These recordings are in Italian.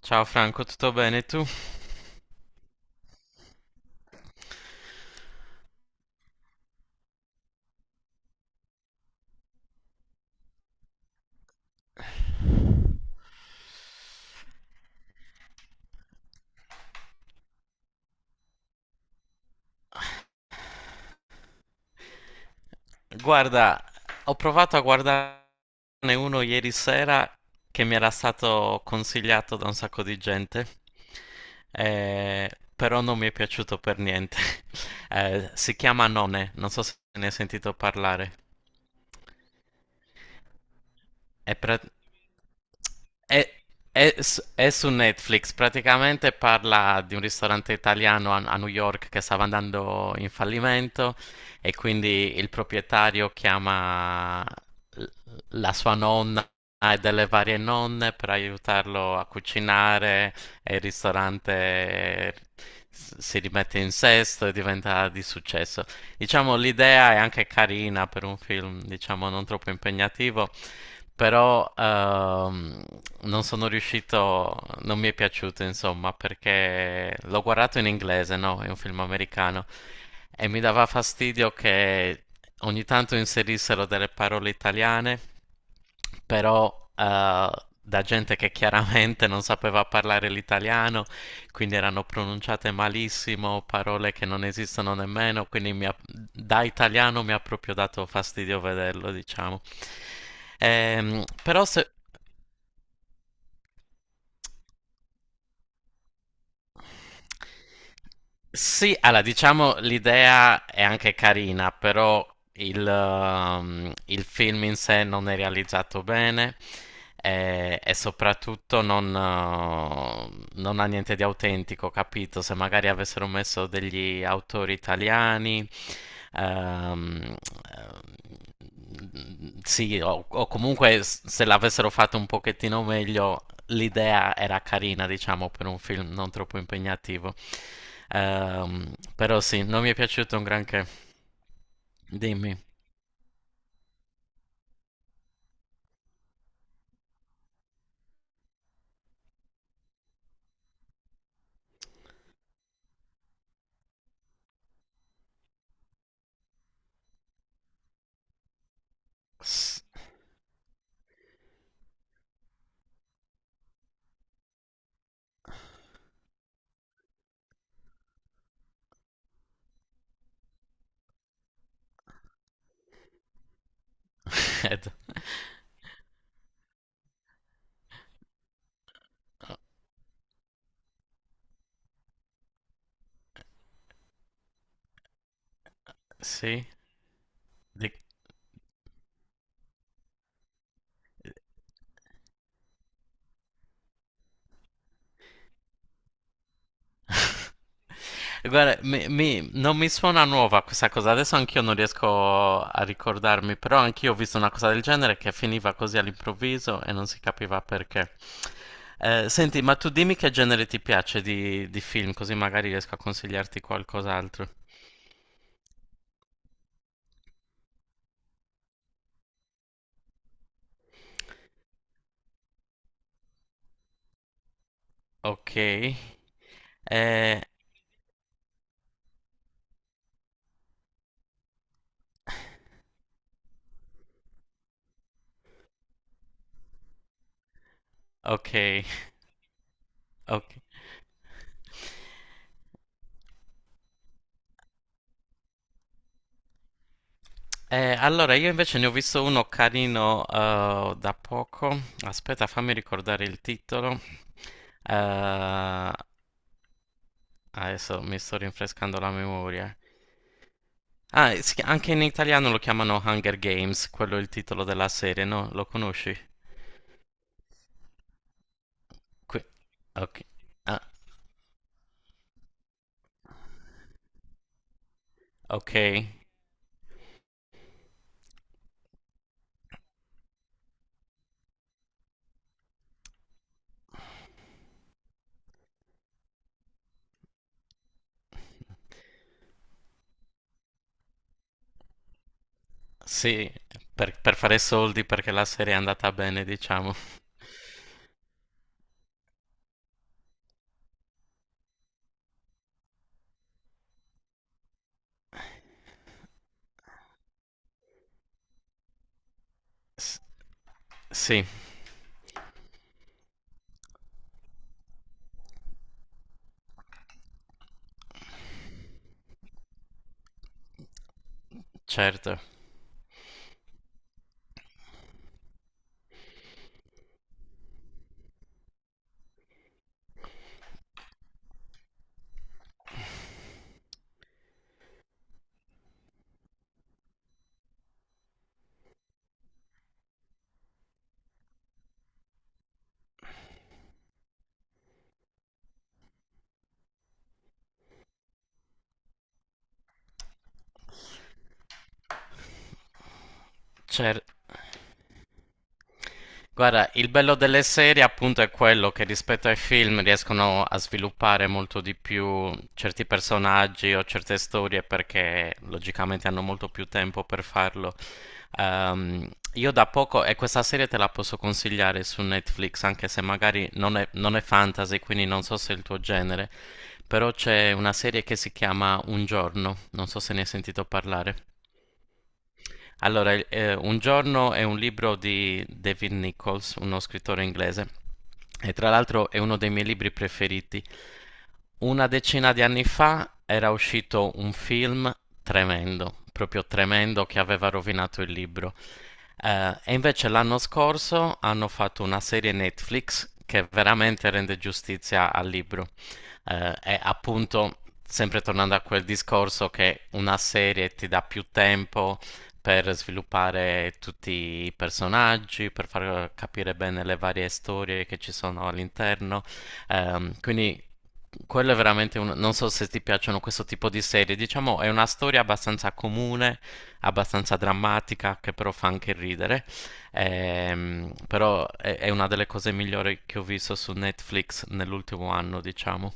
Ciao Franco, tutto bene tu? Guarda, ho provato a guardarne uno ieri sera che mi era stato consigliato da un sacco di gente, eh, però non mi è piaciuto per niente. Si chiama None, non so se ne hai sentito parlare. È, pra- è- è su Netflix, praticamente parla di un ristorante italiano a New York che stava andando in fallimento. E quindi il proprietario chiama la sua nonna e delle varie nonne per aiutarlo a cucinare e il ristorante si rimette in sesto e diventa di successo. Diciamo l'idea è anche carina per un film, diciamo non troppo impegnativo, però non sono riuscito, non mi è piaciuto insomma perché l'ho guardato in inglese, no? È un film americano e mi dava fastidio che ogni tanto inserissero delle parole italiane, però eh, da gente che chiaramente non sapeva parlare l'italiano, quindi erano pronunciate malissimo, parole che non esistono nemmeno, quindi da italiano mi ha proprio dato fastidio vederlo, diciamo. Però se, Sì, allora diciamo l'idea è anche carina, però il film in sé non è realizzato bene, soprattutto non ha niente di autentico, capito? Se magari avessero messo degli autori italiani, ehm, sì, o, o se l'avessero fatto un pochettino meglio, l'idea era carina, diciamo, per un film non troppo impegnativo. Però sì, non mi è piaciuto un granché. Dimmi. S- Ed, sì? Di- Guarda, non mi suona nuova questa cosa, adesso anch'io non riesco a ricordarmi, però anch'io ho visto una cosa del genere che finiva così all'improvviso e non si capiva perché. Senti, ma tu dimmi che genere ti piace di film, così magari riesco a consigliarti qualcos'altro. Ok. Eh, ok, ok. Allora, io invece ne ho visto uno carino da poco. Aspetta, fammi ricordare il titolo. Eh, Adesso mi sto rinfrescando la memoria. Ah, anche in italiano lo chiamano Hunger Games, quello è il titolo della serie, no? Lo conosci? Que- ok. Ah, ok. Sì, per fare soldi perché la serie è andata bene, diciamo. S- sì, certo. Guarda, il bello delle serie appunto è quello che rispetto ai film riescono a sviluppare molto di più certi personaggi o certe storie perché logicamente hanno molto più tempo per farlo. Io da poco, e questa serie te la posso consigliare su Netflix, anche se magari non è fantasy, quindi non so se è il tuo genere, però c'è una serie che si chiama Un giorno, non so se ne hai sentito parlare. Allora, Un giorno è un libro di David Nichols, uno scrittore inglese, e tra l'altro è uno dei miei libri preferiti. Una decina di anni fa era uscito un film tremendo, proprio tremendo, che aveva rovinato il libro. Invece l'anno scorso hanno fatto una serie Netflix che veramente rende giustizia al libro. Appunto, sempre tornando a quel discorso che una serie ti dà più tempo per sviluppare tutti i personaggi, per far capire bene le varie storie che ci sono all'interno. Quindi quello è veramente un... Non so se ti piacciono questo tipo di serie, diciamo è una storia abbastanza comune, abbastanza drammatica, che però fa anche ridere. Però è una delle cose migliori che ho visto su Netflix nell'ultimo anno, diciamo.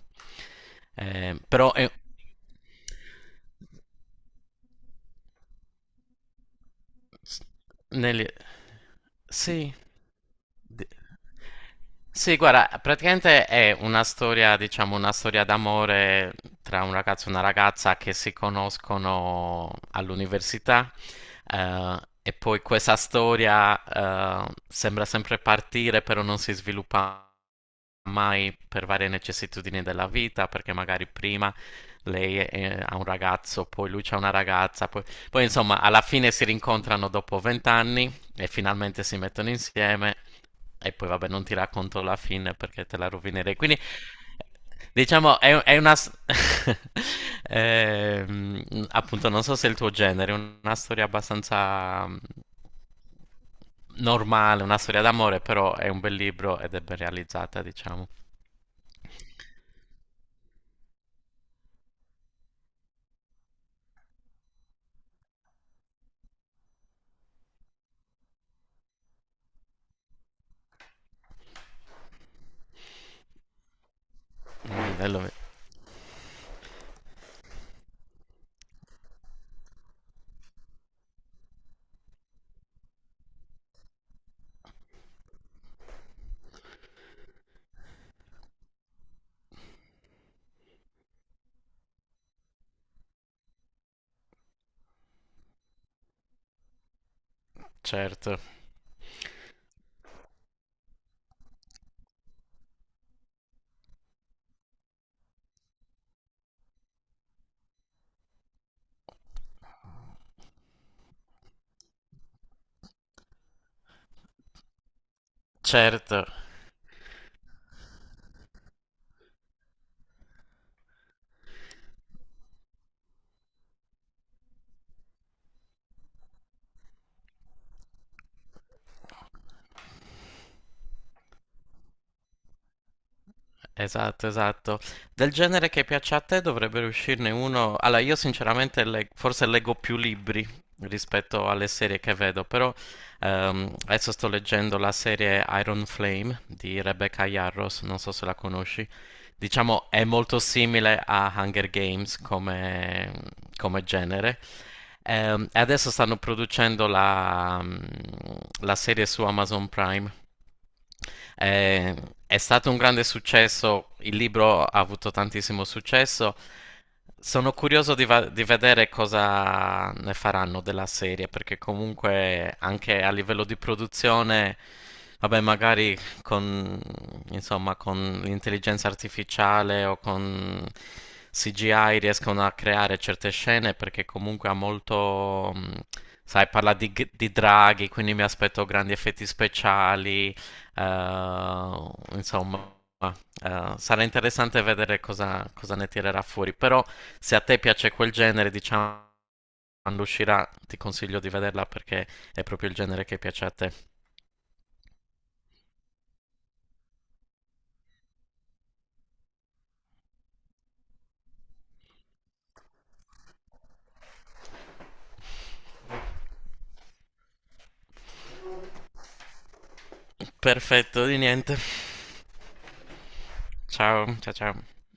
Ehm, però è... S- Nelly... Sì. Di- Sì, guarda, praticamente è una storia, diciamo, una storia d'amore tra un ragazzo e una ragazza che si conoscono all'università. eh, e poi questa storia, sembra sempre partire, però non si sviluppa mai per varie necessitudini della vita, perché magari prima ha un ragazzo, poi lui c'ha una ragazza, poi... Poi insomma, alla fine si rincontrano dopo vent'anni e finalmente si mettono insieme. E poi vabbè, non ti racconto la fine perché te la rovinerei. Quindi diciamo, è, Ehm, Appunto, non so se è il tuo genere, è una storia abbastanza normale, una storia d'amore, però è un bel libro ed è ben realizzata, diciamo. Mm, bello- Certo, certo. Esatto, esatto. Del genere che piaccia a te dovrebbe uscirne uno. Allora, io sinceramente forse leggo più libri rispetto alle serie che vedo, però adesso sto leggendo la serie Iron Flame di Rebecca Yarros, non so se la conosci. Diciamo, è molto simile a Hunger Games come, come genere. E adesso stanno producendo la serie su Amazon Prime. Eh, è stato un grande successo, il libro ha avuto tantissimo successo. Sono curioso di vedere cosa ne faranno della serie, perché comunque anche a livello di produzione, vabbè, magari con, insomma, con l'intelligenza artificiale o con CGI riescono a creare certe scene, perché comunque ha molto, sai, parla di draghi, quindi mi aspetto grandi effetti speciali, insomma. Sarà interessante vedere cosa, cosa ne tirerà fuori, però se a te piace quel genere, diciamo, quando uscirà ti consiglio di vederla perché è proprio il genere che piace a te. Perfetto, di niente. Ciao, ciao, ciao.